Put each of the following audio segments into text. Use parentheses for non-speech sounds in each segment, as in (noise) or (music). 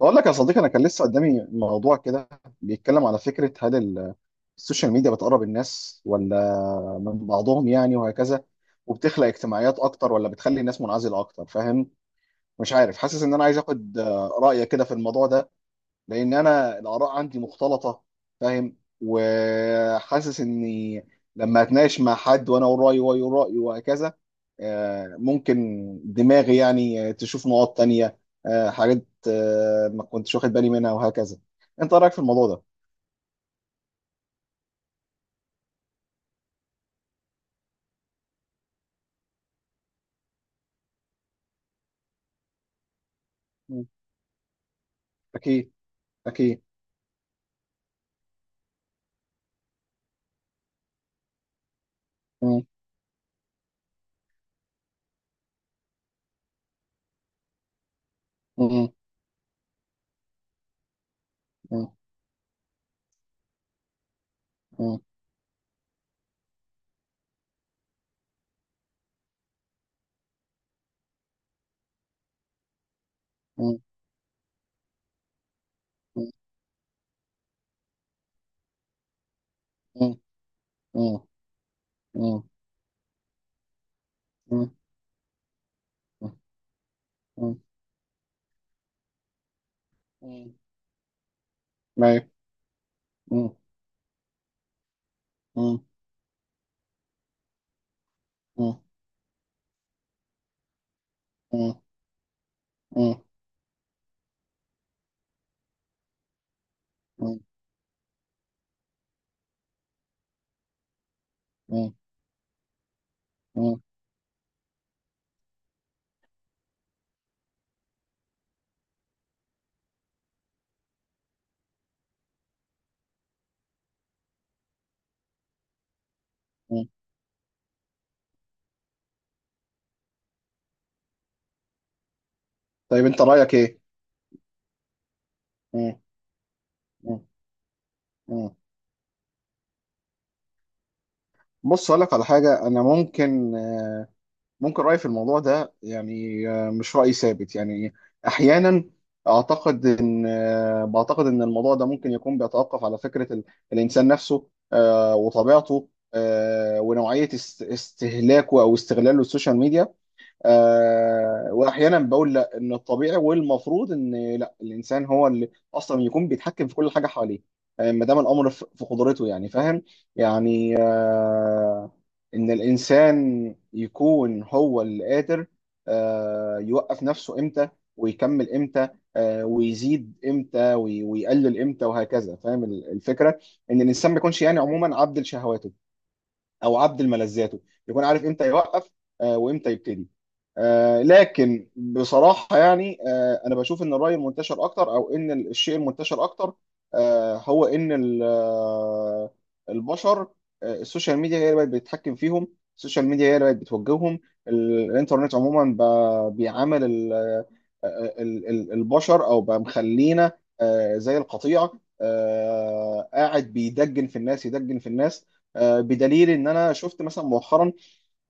بقول لك يا صديقي، انا كان لسه قدامي موضوع كده بيتكلم على فكره، هل السوشيال ميديا بتقرب الناس ولا من بعضهم، يعني وهكذا، وبتخلق اجتماعيات اكتر ولا بتخلي الناس منعزله اكتر؟ فاهم؟ مش عارف، حاسس ان انا عايز اخد رايك كده في الموضوع ده، لان انا الاراء عندي مختلطه، فاهم؟ وحاسس اني لما اتناقش مع حد، وانا اقول رايي وهو يقول رايه وهكذا، ممكن دماغي يعني تشوف نقاط تانية، حاجات آه، ما كنتش واخد بالي منها وهكذا. انت رايك في الموضوع ده؟ مم. اكيد. اكيد. مم. مم. مم. مم. مم. مم. مم. مم. مم. مم. مم. أيوة. مم. مم. مم. مم. مم. مم. مم. مم. طيب، انت رايك ايه؟ مم. مم. مم. بص، اقول لك على حاجه، انا ممكن رايي في الموضوع ده يعني، مش راي ثابت يعني. احيانا اعتقد ان آه، بعتقد ان الموضوع ده ممكن يكون بيتوقف على فكره الانسان نفسه، وطبيعته، ونوعيه استهلاكه او استغلاله للسوشيال ميديا. واحيانا بقول لا، ان الطبيعي والمفروض ان لا الانسان هو اللي اصلا يكون بيتحكم في كل حاجه حواليه، ما دام الامر في قدرته، يعني فاهم. يعني ان الانسان يكون هو اللي قادر يوقف نفسه امتى ويكمل امتى، ويزيد امتى ويقلل امتى وهكذا، فاهم الفكره؟ ان الانسان ما يكونش، يعني عموما، عبد لشهواته او عبد لملذاته، يكون عارف امتى يوقف وامتى يبتدي. لكن بصراحه يعني انا بشوف ان الراي المنتشر اكتر، او ان الشيء المنتشر اكتر، هو ان ال- آه، البشر آه، السوشيال ميديا هي اللي بقت بتتحكم فيهم، السوشيال ميديا هي اللي بقت بتوجههم. الانترنت عموما بيعامل البشر، او بقى مخلينا زي القطيع، قاعد بيدجن في الناس، يدجن في الناس، بدليل ان انا شفت مثلا مؤخرا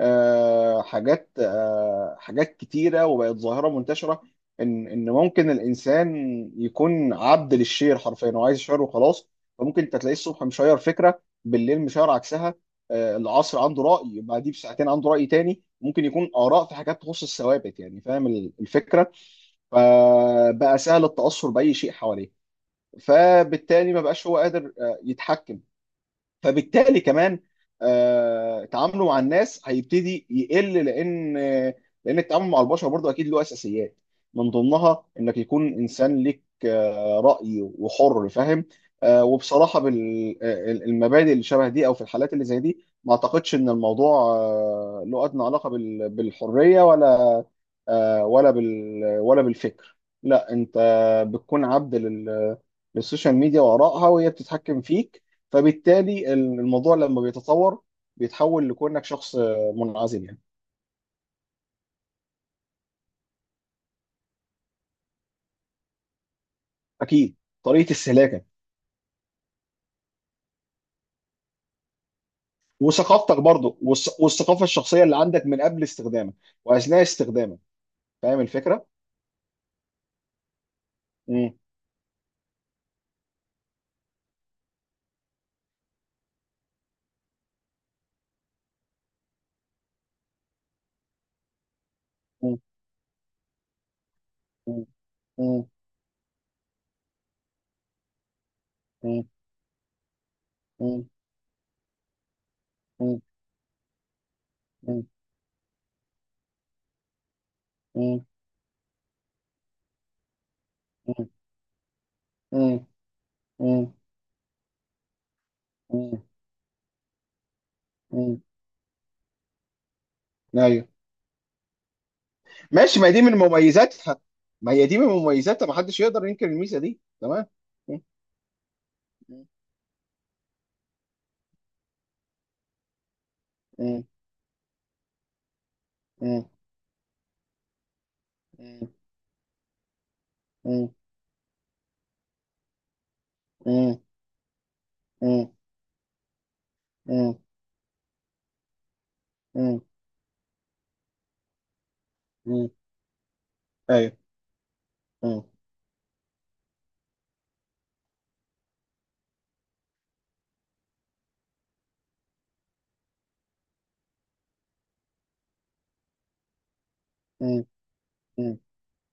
حاجات كتيره وبقت ظاهره منتشره، ان ممكن الانسان يكون عبد للشير حرفيا، هو عايز يشير وخلاص. فممكن انت تلاقيه الصبح مشير فكره، بالليل مشير عكسها، العصر عنده راي، بعديه بساعتين عنده راي تاني، ممكن يكون اراء في حاجات تخص الثوابت، يعني فاهم الفكره. فبقى سهل التاثر باي شيء حواليه، فبالتالي ما بقاش هو قادر يتحكم. فبالتالي كمان تعامله مع الناس هيبتدي يقل، لان التعامل مع البشر برضه اكيد له اساسيات، من ضمنها انك يكون انسان ليك راي وحر، فاهم؟ وبصراحه، بالمبادئ اللي شبه دي او في الحالات اللي زي دي، ما اعتقدش ان الموضوع له ادنى علاقه بالحريه، ولا بالفكر. لا، انت بتكون عبد للسوشيال ميديا وارائها، وهي بتتحكم فيك. فبالتالي الموضوع لما بيتطور، بيتحول لكونك شخص منعزل، يعني. اكيد، طريقه استهلاكك وثقافتك برضو والثقافه الشخصيه اللي عندك من قبل استخدامك واثناء استخدامك. فاهم الفكره؟ مم. مم. مم. مم. مم. مم. مم. مم. مم. مم. مم. مم. مم. ايوه. ماشي. ما هي دي من مميزاتها ما هي دي من مميزاتها، ما حدش يقدر ينكر الميزه دي. تمام. مم. مم. مم. مم. مم. مم. مم. مم. مم. ايوه. مم. مم. مم.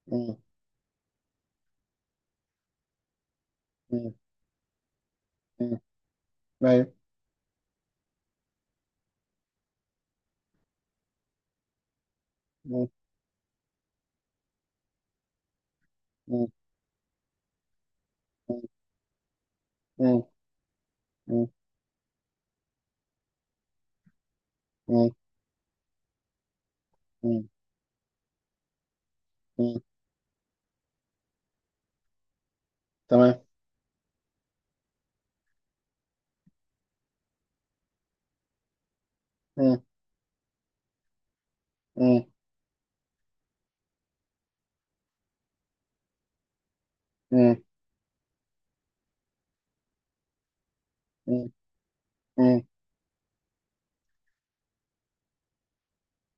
مم. مم. مم. ايوه. مم. مم. مم. مم. مم. مم. مم. تمام. مم. مم. مم. مم. مم.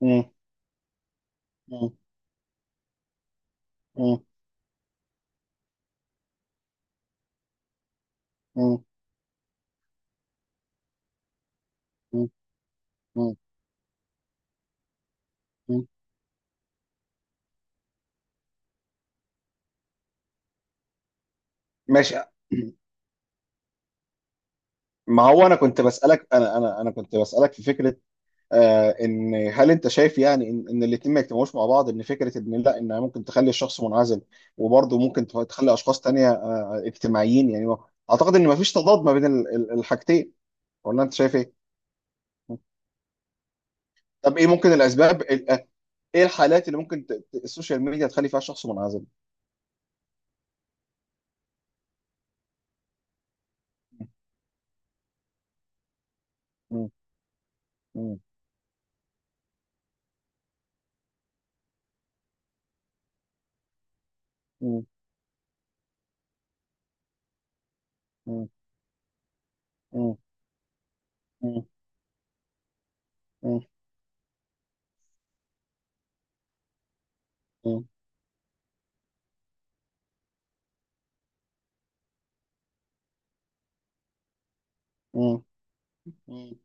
مم. مم. مم. مم. مم. مم. ماشي. (clears throat) ما هو، انا كنت بسألك في فكرة، ان، هل انت شايف يعني ان الاتنين ما يجتمعوش مع بعض، ان فكره، ان لا، ان ممكن تخلي الشخص منعزل، وبرضه ممكن تخلي اشخاص تانية، اجتماعيين، يعني اعتقد ان ما فيش تضاد ما بين الحاجتين. ولا انت شايف ايه؟ طب ايه ممكن الاسباب، ايه الحالات اللي ممكن السوشيال ميديا تخلي فيها شخص منعزل؟ مم، مم، مم، مم، مم، مم، مم، مم، مم، مم،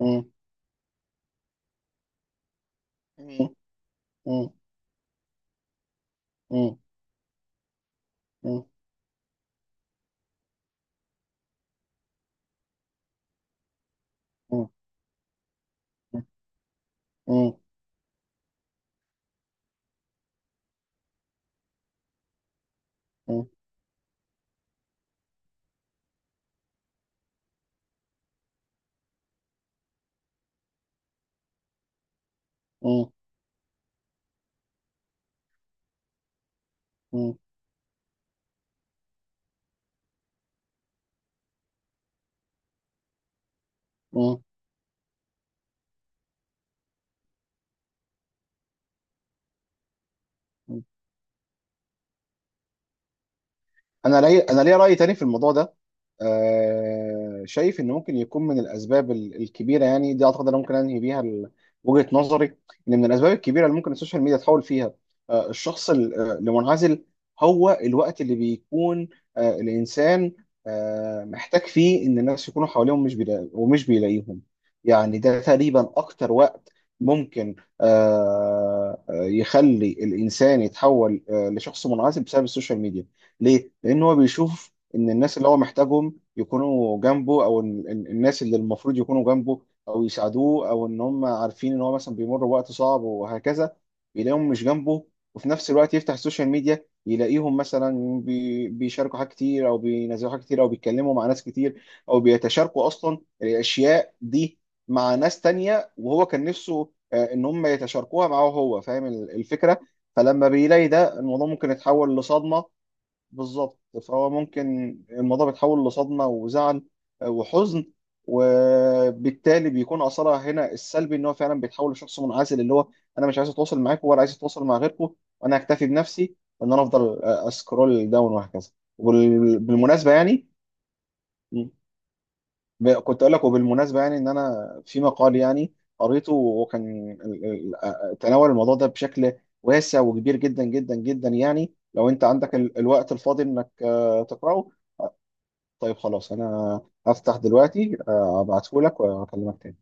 مم، مم، مم، مم، مم، مم، مم، مم، مم، مم. انا انا ليا راي تاني في الموضوع ده. شايف ان ممكن يكون من الاسباب الكبيره يعني، دي اعتقد انا ممكن انهي بيها وجهه نظري، ان من الاسباب الكبيره اللي ممكن السوشيال ميديا تحول فيها الشخص المنعزل، هو الوقت اللي بيكون الانسان محتاج فيه ان الناس يكونوا حواليهم، مش بيلا... ومش بيلاقيهم. يعني ده تقريبا اكتر وقت ممكن يخلي الانسان يتحول لشخص منعزل بسبب السوشيال ميديا. ليه؟ لأن هو بيشوف إن الناس اللي هو محتاجهم يكونوا جنبه، أو الناس اللي المفروض يكونوا جنبه أو يساعدوه، أو إن هم عارفين إن هو مثلا بيمر بوقت صعب وهكذا، يلاقيهم مش جنبه. وفي نفس الوقت يفتح السوشيال ميديا يلاقيهم مثلا بيشاركوا حاجات كتير، أو بينزلوا حاجات كتير، أو بيتكلموا مع ناس كتير، أو بيتشاركوا أصلا الأشياء دي مع ناس تانية، وهو كان نفسه إن هم يتشاركوها معاه هو. فاهم الفكرة؟ فلما بيلاقي ده الموضوع ممكن يتحول لصدمة. بالظبط. فهو ممكن الموضوع بيتحول لصدمة وزعل وحزن، وبالتالي بيكون أثرها هنا السلبي، إن هو فعلا بيتحول لشخص منعزل، اللي هو، أنا مش عايز أتواصل معاكم ولا عايز أتواصل مع غيركم، وأنا هكتفي بنفسي وإن أنا أفضل أسكرول داون وهكذا. وبالمناسبة يعني، كنت أقول لك، وبالمناسبة يعني إن أنا في مقال يعني قريته، وكان تناول الموضوع ده بشكل واسع وكبير جدا جدا جدا، يعني لو أنت عندك الوقت الفاضي إنك تقرأه. طيب خلاص، انا هفتح دلوقتي ابعتهولك واكلمك تاني.